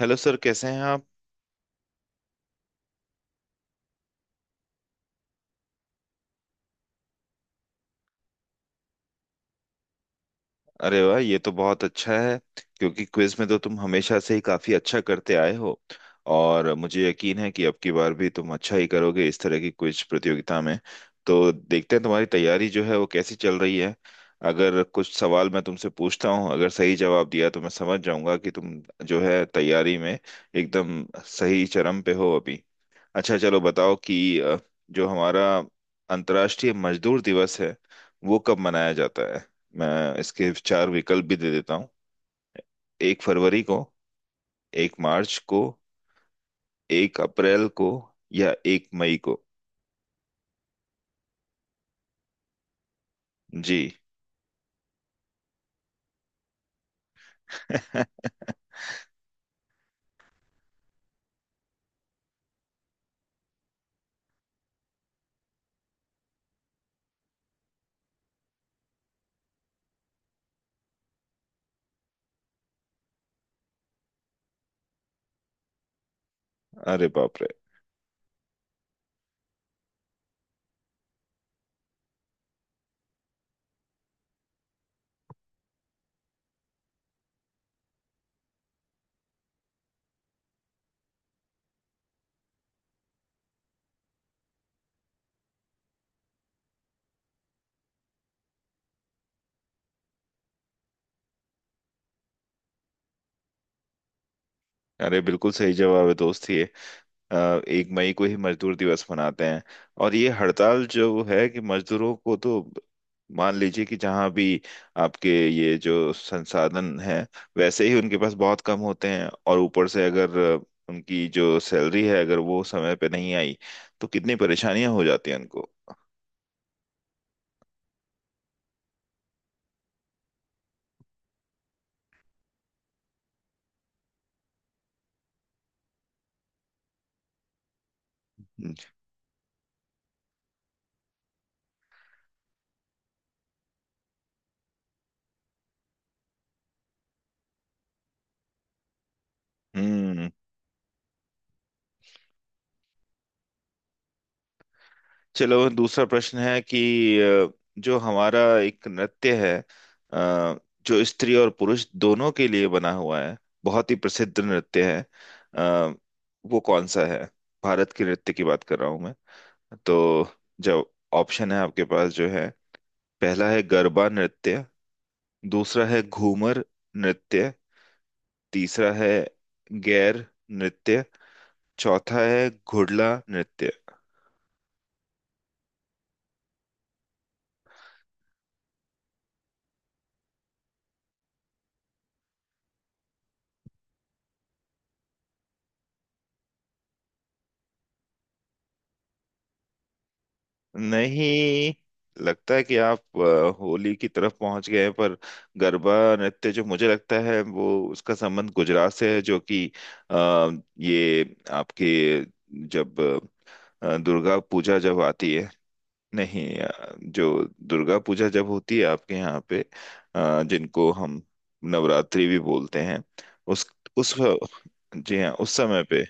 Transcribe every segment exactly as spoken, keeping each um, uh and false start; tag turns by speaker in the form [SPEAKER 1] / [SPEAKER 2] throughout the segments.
[SPEAKER 1] Hello sir, कैसे हैं आप? अरे वाह, ये तो बहुत अच्छा है। क्योंकि क्विज में तो तुम हमेशा से ही काफी अच्छा करते आए हो, और मुझे यकीन है कि अब की बार भी तुम अच्छा ही करोगे इस तरह की क्विज प्रतियोगिता में। तो देखते हैं तुम्हारी तैयारी जो है वो कैसी चल रही है। अगर कुछ सवाल मैं तुमसे पूछता हूँ, अगर सही जवाब दिया तो मैं समझ जाऊंगा कि तुम जो है तैयारी में एकदम सही चरम पे हो अभी। अच्छा, चलो बताओ कि अ, जो हमारा अंतर्राष्ट्रीय मजदूर दिवस है, वो कब मनाया जाता है? मैं इसके चार विकल्प भी दे देता हूँ। एक फरवरी को, एक मार्च को, एक अप्रैल को, या एक मई को। जी। अरे बाप रे! अरे, बिल्कुल सही जवाब है दोस्त ये। अ, एक मई को ही मजदूर दिवस मनाते हैं। और ये हड़ताल जो है, कि मजदूरों को तो मान लीजिए कि जहाँ भी आपके ये जो संसाधन हैं वैसे ही उनके पास बहुत कम होते हैं, और ऊपर से अगर उनकी जो सैलरी है अगर वो समय पे नहीं आई तो कितनी परेशानियां हो जाती हैं उनको। हम्म। हम्म। चलो, दूसरा प्रश्न है कि अ, जो हमारा एक नृत्य है, अ, जो स्त्री और पुरुष दोनों के लिए बना हुआ है, बहुत ही प्रसिद्ध नृत्य है, अ, वो कौन सा है? भारत के नृत्य की बात कर रहा हूं मैं। तो जो ऑप्शन है आपके पास जो है, पहला है गरबा नृत्य, दूसरा है घूमर नृत्य, तीसरा है गैर नृत्य, चौथा है घुड़ला नृत्य। नहीं, लगता है कि आप अ, होली की तरफ पहुंच गए, पर गरबा नृत्य जो मुझे लगता है वो उसका संबंध गुजरात से है, जो कि अ, ये आपके, जब अ, दुर्गा पूजा जब आती है। नहीं, अ, जो दुर्गा पूजा जब होती है आपके यहाँ पे, अ, जिनको हम नवरात्रि भी बोलते हैं, उस उस जी हाँ उस समय पे।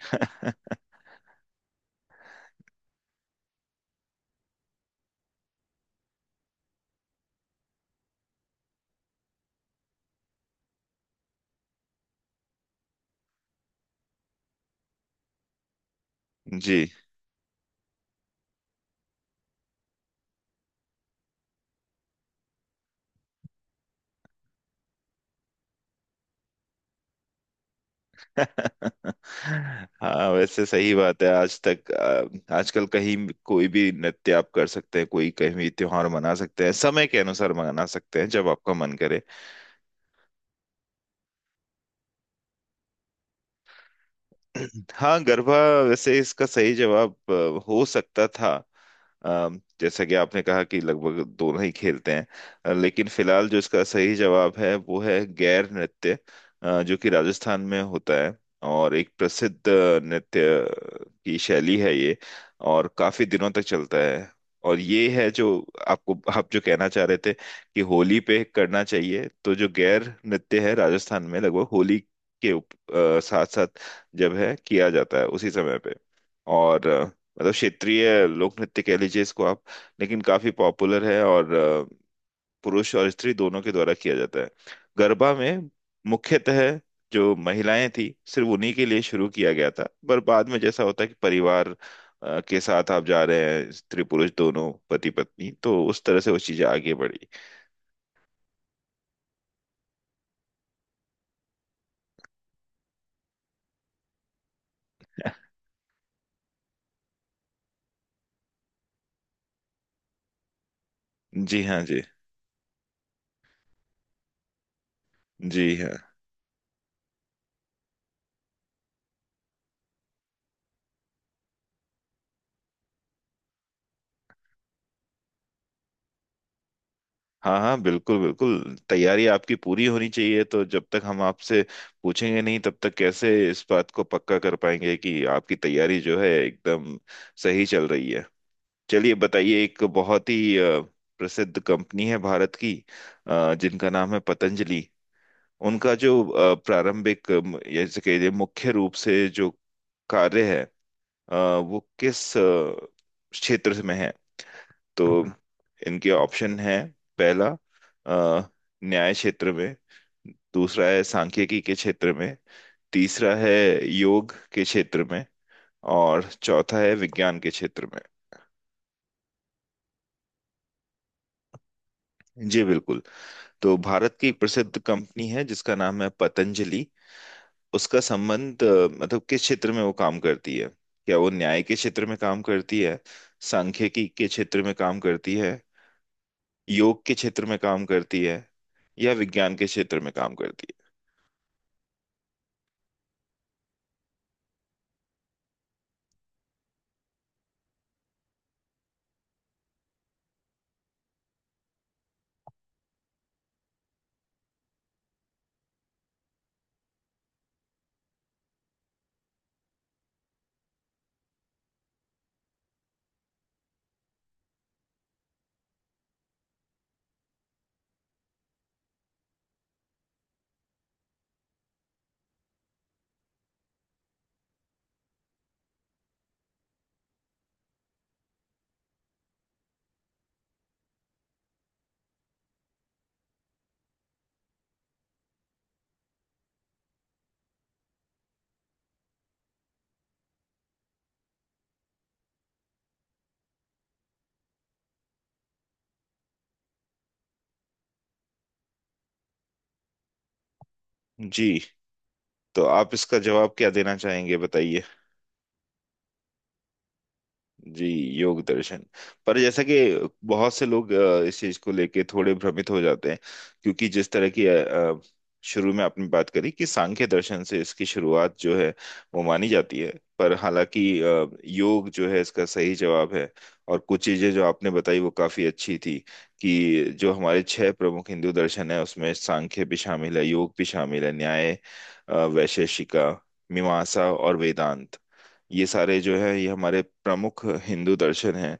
[SPEAKER 1] जी। हाँ, वैसे सही बात है आज तक। अ, आजकल कहीं कोई भी नृत्य आप कर सकते हैं, कोई कहीं भी त्योहार मना सकते हैं, समय के अनुसार मना सकते हैं जब आपका मन करे। हाँ, गरबा। वैसे इसका सही जवाब अ, हो सकता था, अम, जैसा कि आपने कहा कि लगभग दोनों ही खेलते हैं। अ, लेकिन फिलहाल जो इसका सही जवाब है वो है गैर नृत्य, अ, जो कि राजस्थान में होता है, और एक प्रसिद्ध अ, नृत्य की शैली है ये, और काफी दिनों तक चलता है। और ये है जो आपको, आप जो कहना चाह रहे थे कि होली पे करना चाहिए, तो जो गैर नृत्य है राजस्थान में लगभग होली के साथ साथ जब है किया जाता है उसी समय पे। और अ, मतलब क्षेत्रीय लोक नृत्य कह लीजिए इसको आप। लेकिन काफी पॉपुलर है, और अ, पुरुष और स्त्री दोनों के द्वारा किया जाता है। गरबा में मुख्यतः जो महिलाएं थी सिर्फ उन्हीं के लिए शुरू किया गया था। पर बाद में जैसा होता है कि परिवार अ, के साथ आप जा रहे हैं, स्त्री पुरुष दोनों, पति पत्नी, तो उस तरह से वो चीजें आगे बढ़ी। जी हाँ। जी। जी हाँ। हाँ हाँ, बिल्कुल बिल्कुल, तैयारी आपकी पूरी होनी चाहिए, तो जब तक हम आपसे पूछेंगे नहीं तब तक कैसे इस बात को पक्का कर पाएंगे कि आपकी तैयारी जो है एकदम सही चल रही है। चलिए बताइए, एक बहुत ही अ, प्रसिद्ध कंपनी है भारत की, अ, जिनका नाम है पतंजलि। उनका जो अ, प्रारंभिक, अम, जैसे कहिए मुख्य रूप से जो कार्य है, अ, वो किस अ, क्षेत्र में है? तो हम्म, इनके ऑप्शन है, पहला अ, न्याय क्षेत्र में, दूसरा है सांख्यिकी के क्षेत्र में, तीसरा है योग के क्षेत्र में, और चौथा है विज्ञान के क्षेत्र में। जी बिल्कुल। तो भारत की एक प्रसिद्ध कंपनी है जिसका नाम है पतंजलि। उसका संबंध अ, मतलब किस क्षेत्र में वो काम करती है? क्या वो न्याय के क्षेत्र में काम करती है, सांख्यिकी के क्षेत्र में काम करती है, योग के क्षेत्र में काम करती है, या विज्ञान के क्षेत्र में काम करती है? जी। तो आप इसका जवाब क्या देना चाहेंगे, बताइए। जी, योग दर्शन। पर जैसा कि बहुत से लोग अ, इस चीज को लेके थोड़े भ्रमित हो जाते हैं, क्योंकि जिस तरह की अ, शुरू में आपने बात करी कि सांख्य दर्शन से इसकी शुरुआत जो है वो मानी जाती है। पर हालांकि अ, योग जो है इसका सही जवाब है। और कुछ चीजें जो आपने बताई वो काफी अच्छी थी, कि जो हमारे छह प्रमुख हिंदू दर्शन है उसमें सांख्य भी शामिल है, योग भी शामिल है, न्याय, अ, वैशेषिका, मीमांसा और वेदांत। ये सारे जो है ये हमारे प्रमुख हिंदू दर्शन हैं।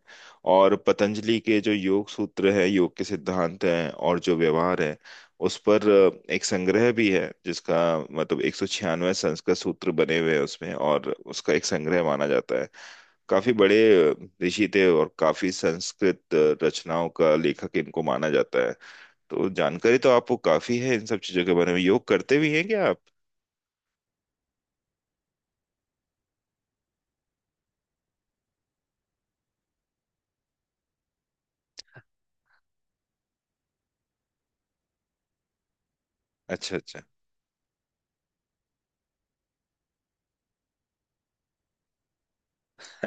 [SPEAKER 1] और पतंजलि के जो योग सूत्र हैं, योग के सिद्धांत हैं और जो व्यवहार है, उस पर अ, एक संग्रह भी है, जिसका मतलब एक सौ छियानवे संस्कृत सूत्र बने हुए हैं उसमें, और उसका एक संग्रह माना जाता है। काफी बड़े अ, ऋषि थे, और काफी संस्कृत अ, रचनाओं का लेखक इनको माना जाता है। तो जानकारी तो आपको काफी है इन सब चीजों के बारे में। योग करते भी हैं क्या आप? अच्छा अच्छा।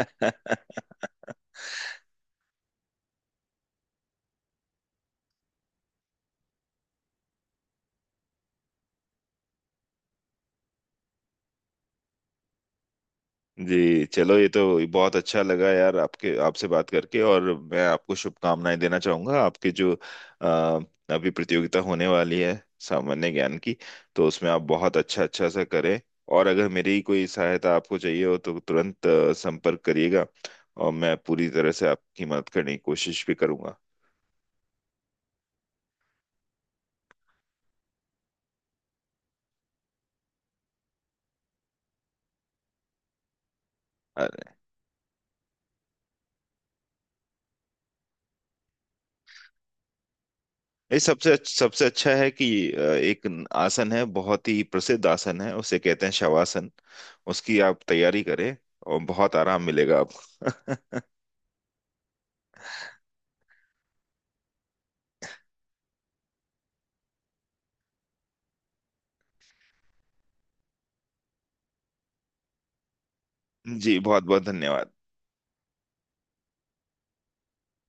[SPEAKER 1] जी, चलो ये तो बहुत अच्छा लगा यार, आपके आपसे बात करके। और मैं आपको शुभकामनाएं देना चाहूंगा, आपके जो अ, अभी प्रतियोगिता होने वाली है सामान्य ज्ञान की, तो उसमें आप बहुत अच्छा अच्छा सा करें। और अगर मेरी कोई सहायता आपको चाहिए हो तो तुरंत अ, संपर्क करिएगा, और मैं पूरी तरह से आपकी मदद करने की कोशिश भी करूंगा। ये सबसे सबसे अच्छा है कि अ, एक न- आसन है, बहुत ही प्रसिद्ध आसन है, उसे कहते हैं शवासन। उसकी आप तैयारी करें, और बहुत आराम मिलेगा आपको। जी, बहुत बहुत धन्यवाद।